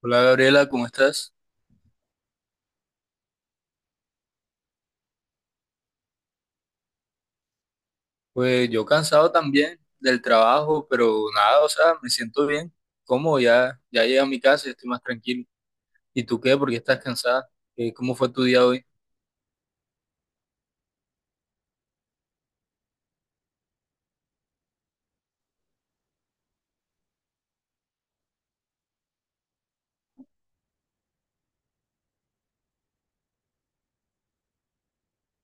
Hola Gabriela, ¿cómo estás? Pues yo cansado también del trabajo, pero nada, o sea, me siento bien. ¿Cómo? Ya llegué a mi casa y estoy más tranquilo. ¿Y tú qué? ¿Por qué estás cansada? ¿Cómo fue tu día hoy?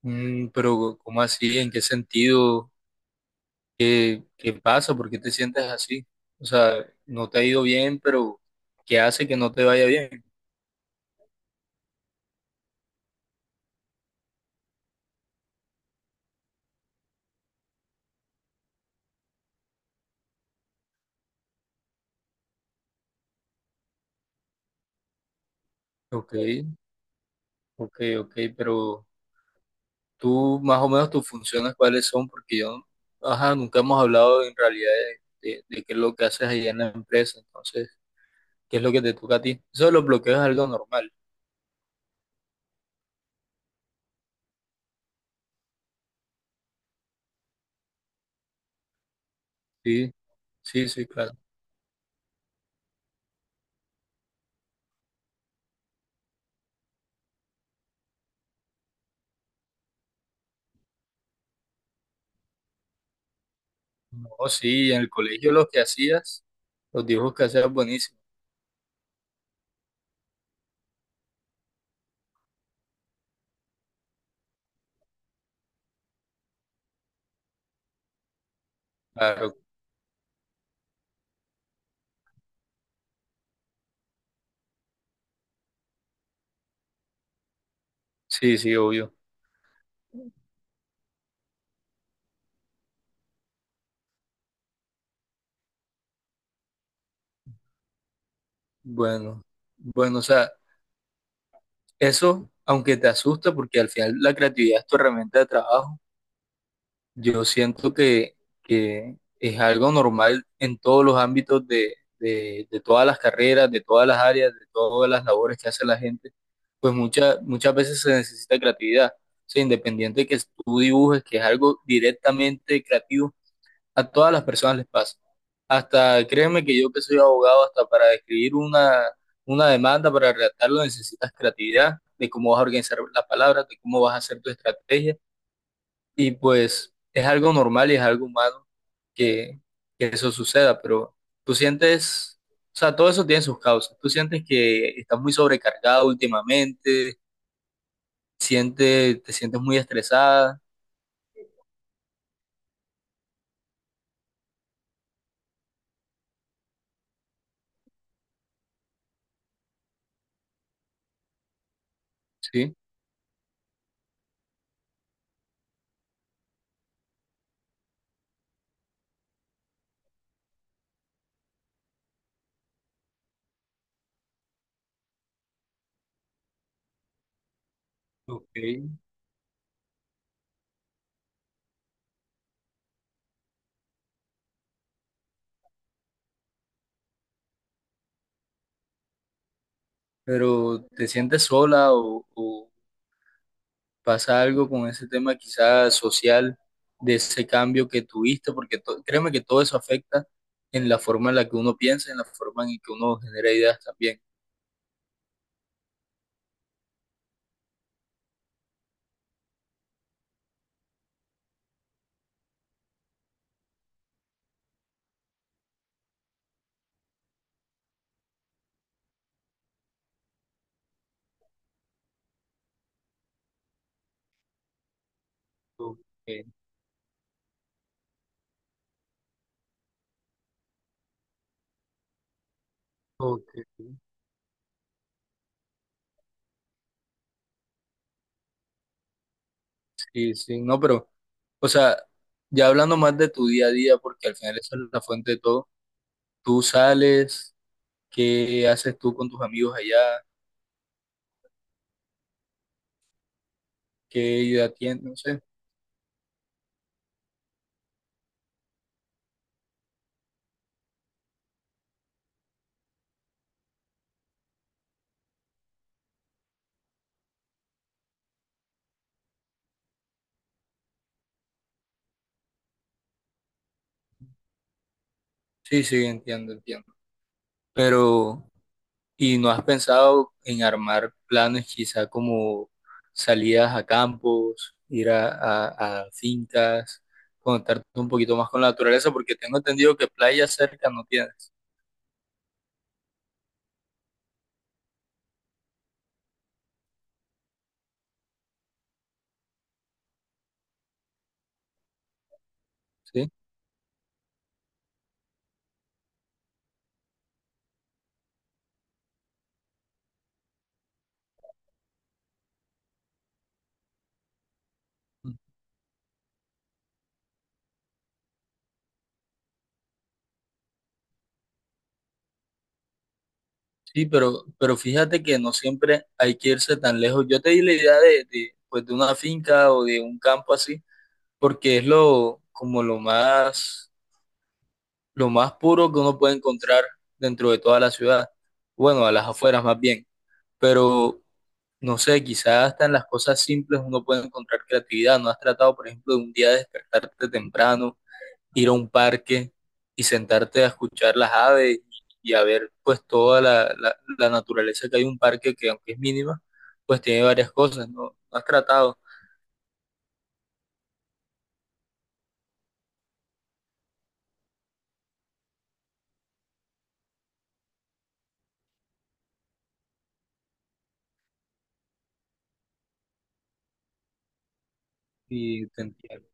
Mm, pero ¿cómo así? ¿En qué sentido? ¿Qué pasa? ¿Por qué te sientes así? O sea, no te ha ido bien, pero ¿qué hace que no te vaya bien? Ok, ok, ok, pero tú más o menos tus funciones cuáles son, porque yo, ajá, nunca hemos hablado en realidad de qué es lo que haces allá en la empresa, entonces, ¿qué es lo que te toca a ti? Eso de los bloqueos es algo normal. Sí, sí, claro. No, sí, en el colegio los dibujos que hacías buenísimo. Claro, sí, sí, obvio. Bueno, bueno, o sea, eso, aunque te asusta, porque al final la creatividad es tu herramienta de trabajo. Yo siento que es algo normal en todos los ámbitos de todas las carreras, de todas las áreas, de todas las labores que hace la gente, pues muchas muchas veces se necesita creatividad. O sea, independiente de que tú dibujes, que es algo directamente creativo, a todas las personas les pasa. Hasta, créeme que yo que soy abogado, hasta para escribir una demanda, para redactarlo, necesitas creatividad de cómo vas a organizar las palabras, de cómo vas a hacer tu estrategia, y pues es algo normal y es algo humano que, que eso suceda. Pero tú sientes, o sea, todo eso tiene sus causas. Tú sientes que estás muy sobrecargado últimamente, siente te sientes muy estresada, ¿sí? Ok. Pero te sientes sola o pasa algo con ese tema quizás social de ese cambio que tuviste, porque to- créeme que todo eso afecta en la forma en la que uno piensa, en la forma en que uno genera ideas también. Ok, ok. Sí, sí, no, pero, o sea, ya hablando más de tu día a día, porque al final esa es la fuente de todo, tú sales, ¿qué haces tú con tus amigos allá? ¿Qué idea tienes? No sé. Sí, sí, entiendo, entiendo. Pero, ¿y no has pensado en armar planes quizá como salidas a campos, ir a fincas, conectarte un poquito más con la naturaleza? Porque tengo entendido que playa cerca no tienes, ¿sí? Sí, pero fíjate que no siempre hay que irse tan lejos. Yo te di la idea de, pues, de una finca o de un campo así, porque es lo, como lo más puro que uno puede encontrar dentro de toda la ciudad. Bueno, a las afueras más bien. Pero, no sé, quizás hasta en las cosas simples uno puede encontrar creatividad. ¿No has tratado, por ejemplo, de un día despertarte temprano? Ir a un parque y sentarte a escuchar las aves y a ver pues toda la naturaleza que hay en un parque que aunque es mínima, pues tiene varias cosas, ¿no? No has tratado y te entiendo.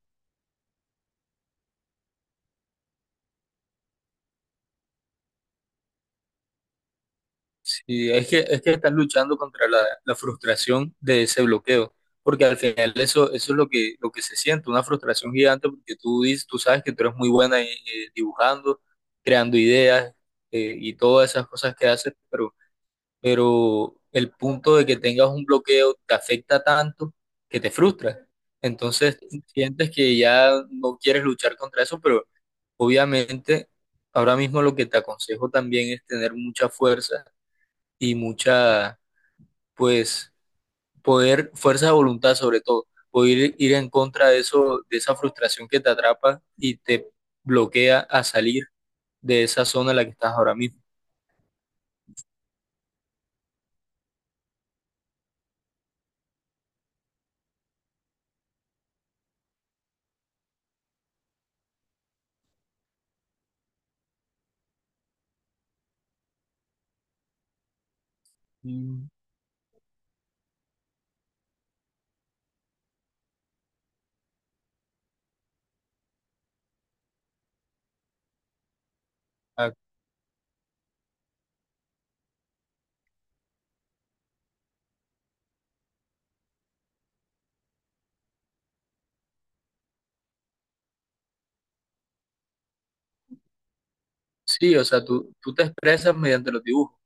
Sí, es que estás luchando contra la frustración de ese bloqueo, porque al final eso, eso es lo que se siente, una frustración gigante porque tú, dices, tú sabes que tú eres muy buena dibujando, creando ideas, y todas esas cosas que haces, pero el punto de que tengas un bloqueo te afecta tanto que te frustra. Entonces sientes que ya no quieres luchar contra eso, pero obviamente ahora mismo lo que te aconsejo también es tener mucha fuerza y mucha, pues, poder, fuerza de voluntad sobre todo, poder ir en contra de eso, de esa frustración que te atrapa y te bloquea a salir de esa zona en la que estás ahora mismo. Mm, ah, sí, o sea, tú te expresas mediante los dibujos.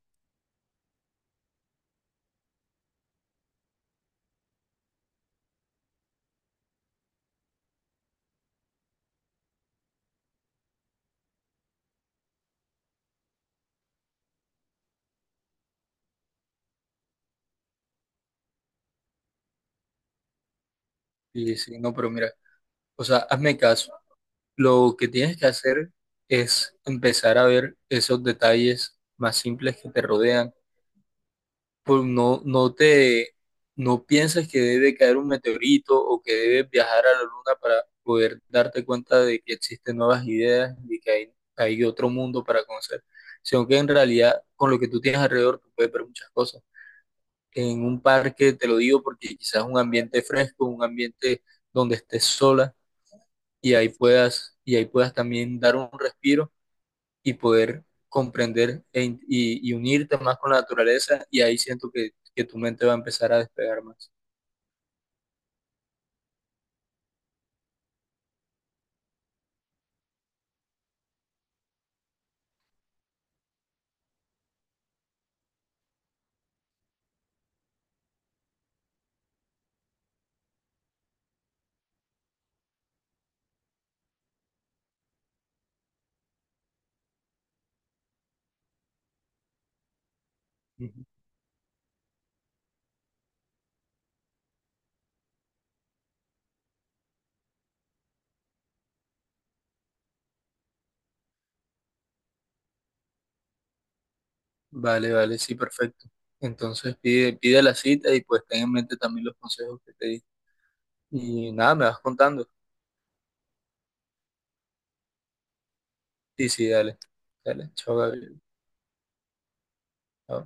Sí, sí, no, pero mira, o sea, hazme caso. Lo que tienes que hacer es empezar a ver esos detalles más simples que te rodean. Pues no, no te, no pienses que debe caer un meteorito o que debes viajar a la luna para poder darte cuenta de que existen nuevas ideas y que hay otro mundo para conocer, sino que en realidad con lo que tú tienes alrededor tú puedes ver muchas cosas. En un parque, te lo digo porque quizás un ambiente fresco, un ambiente donde estés sola y ahí puedas también dar un respiro y poder comprender e in- y unirte más con la naturaleza y ahí siento que tu mente va a empezar a despegar más. Ujú. Vale, vale, sí, perfecto. Entonces pide, pide la cita y pues ten en mente también los consejos que te di. Y nada, me vas contando. Sí, sí, dale. Dale, chao, Gabriel. Chao.